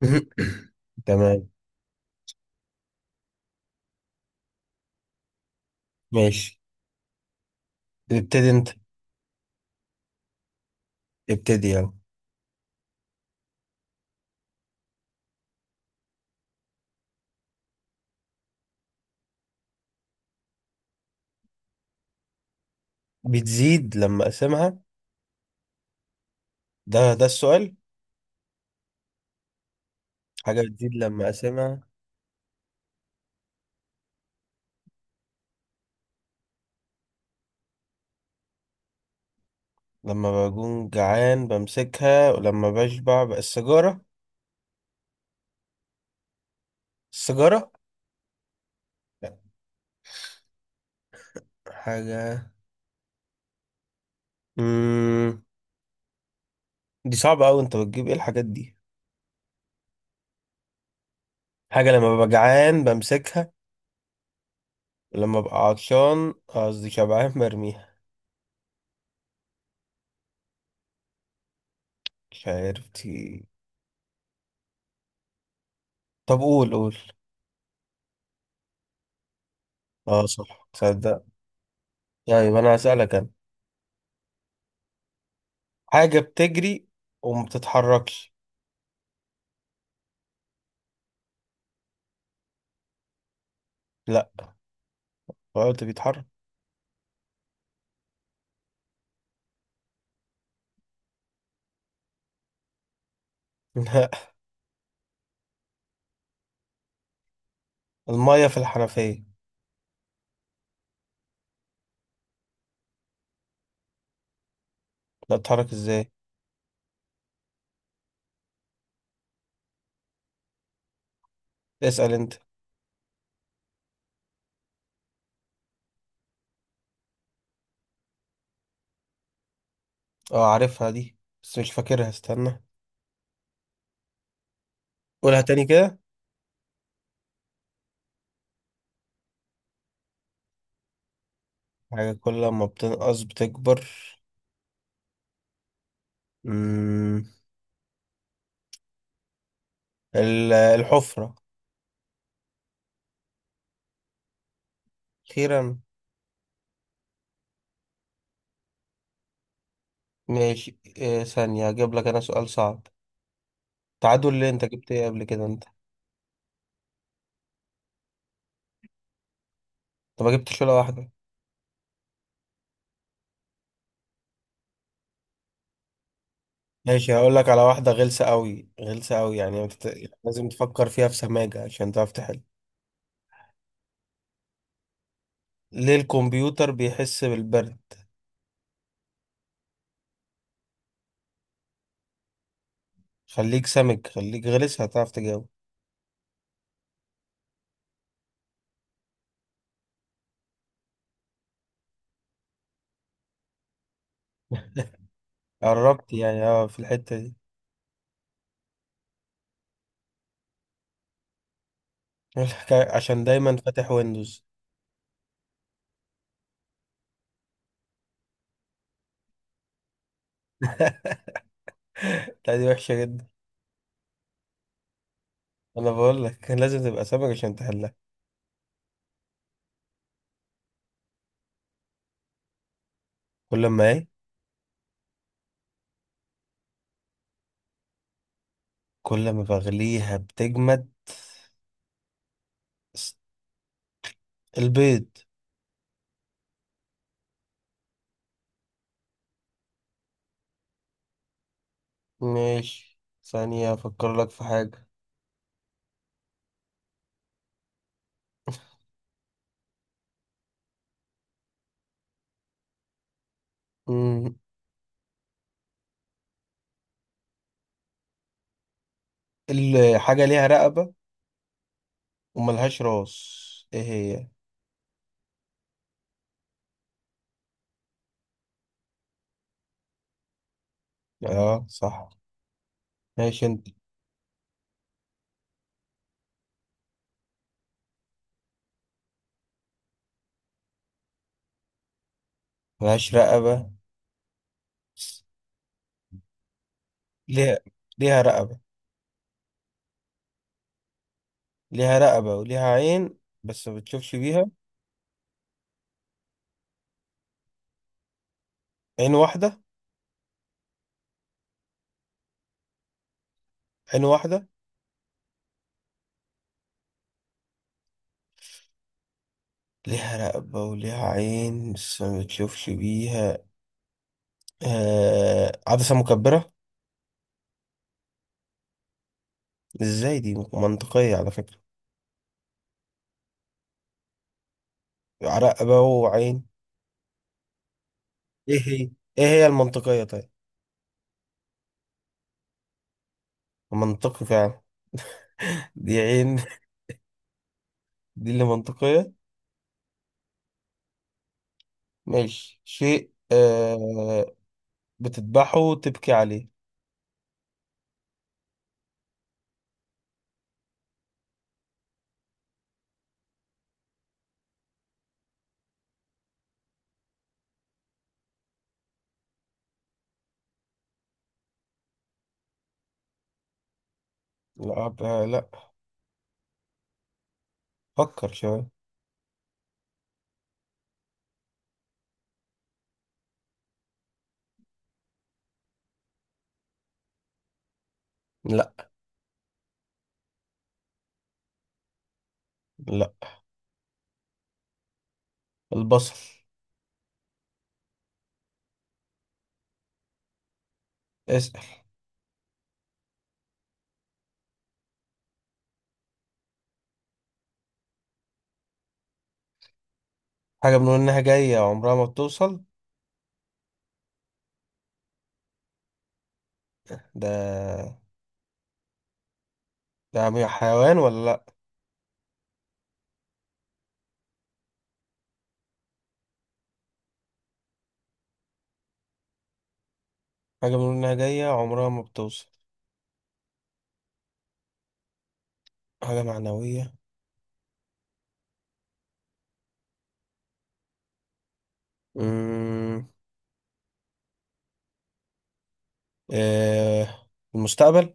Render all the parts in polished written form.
تمام. ماشي. ابتدي انت، ابتدي يلا. بتزيد لما اقسمها؟ ده السؤال؟ حاجة بتزيد لما اقسمها. لما بكون جعان بمسكها، ولما بشبع بقى السيجارة. السيجارة. لا، حاجة. مم. دي صعبة أوي، أنت بتجيب إيه الحاجات دي؟ حاجة لما ببقى جعان بمسكها، ولما ببقى عطشان قصدي شبعان برميها. مش عارف دي. طب قول قول. اه صح، تصدق. طيب أنا هسألك أنا. حاجة بتجري وما بتتحركش. لا، الوقت بيتحرك. لا، المية في الحنفية. لا، تتحرك ازاي؟ اسأل انت. اه عارفها دي، بس مش فاكرها، استنى. قولها تاني كده. حاجة كل ما بتنقص بتكبر. مم. الحفرة. أخيرا. ماشي، إيه ثانية هجيب لك أنا سؤال صعب. تعادل ليه، أنت جبت إيه قبل كده أنت؟ أنت ما جبتش ولا واحدة. ماشي، هقول لك على واحدة غلسة أوي، غلسة أوي، يعني لازم تفكر فيها في سماجة عشان تعرف تحل. ليه الكمبيوتر بيحس بالبرد؟ خليك سمك، خليك غلس، هتعرف تجاوب. قربت يعني، اه في الحتة دي. يقول لك عشان دايما فاتح ويندوز. لا، دي وحشة جدا. انا بقول لك كان لازم تبقى سمك عشان تحلها. كل ما ايه؟ كل ما بغليها بتجمد. س- البيض. ماشي، ثانية افكر لك في حاجة. مم. الحاجة ليها رقبة وملهاش راس، ايه هي؟ اه صح. ماشي انت. ملهاش رقبة؟ ليها ليها رقبة. ليها رقبة وليها عين بس ما بتشوفش بيها. عين واحدة. عين واحدة. ليها رقبة وليها عين بس ما بتشوفش بيها. عدسة مكبرة. ازاي، دي منطقية على فكرة. رقبة وعين. ايه هي؟ ايه هي المنطقية طيب؟ منطقي فعلا. دي عين. دي اللي منطقية. ماشي، شيء بتذبحه وتبكي عليه. لا. لا. فكر شوية. لا، لا، البصل. اسأل. حاجة بنقول إنها جاية عمرها ما بتوصل. ده حيوان ولا لأ؟ حاجة بنقول إنها جاية عمرها ما بتوصل. حاجة معنوية. أمم، آه. المستقبل.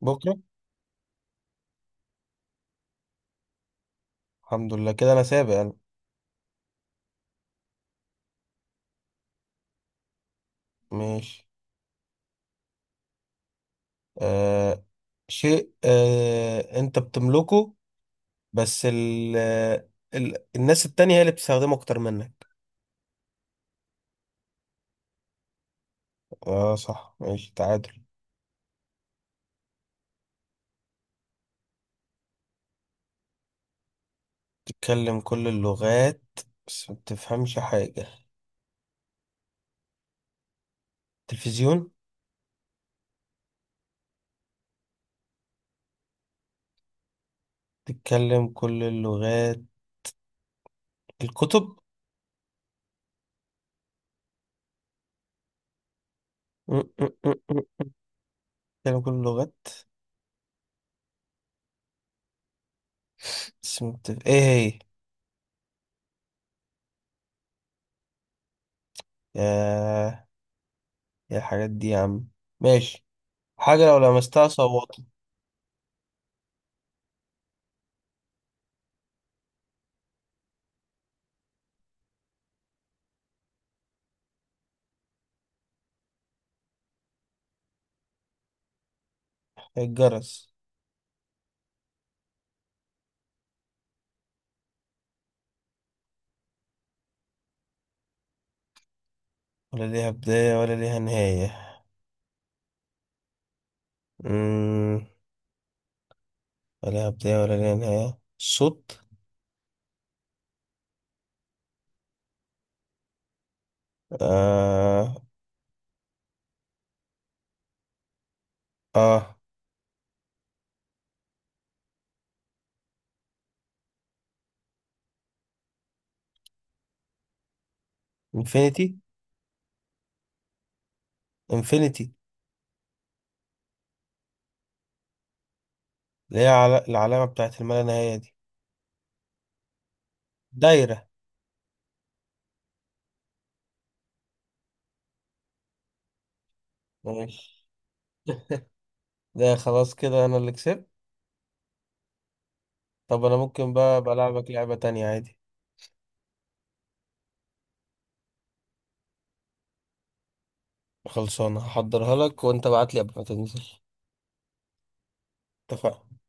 بكرة. الحمد لله كده أنا سابق أنا. ماشي. آه. شيء أنت بتملكه، بس الناس التانية هي اللي بتستخدمه أكتر منك. آه صح، ماشي تعادل. تتكلم كل اللغات بس ما بتفهمش حاجة. تلفزيون. تتكلم كل اللغات. الكتب. م- م- م- م- م. تتكلم كل اللغات بس ايه هي؟ يا يا الحاجات دي يا عم. ماشي. حاجة لو لمستها صوتها. الجرس. ولا ليها بداية ولا ليها نهاية. مم. ولا ليها بداية ولا ليها نهاية الصوت. آه آه انفينيتي. انفينيتي. اللي هي العلامة بتاعت الملا نهاية دي. دايرة. ماشي. ده خلاص كده أنا اللي كسبت. طب انا ممكن بقى بلعبك لعبة تانية عادي؟ خلصانة، هحضرها لك وانت بعتلي قبل ما تنزل. اتفقنا.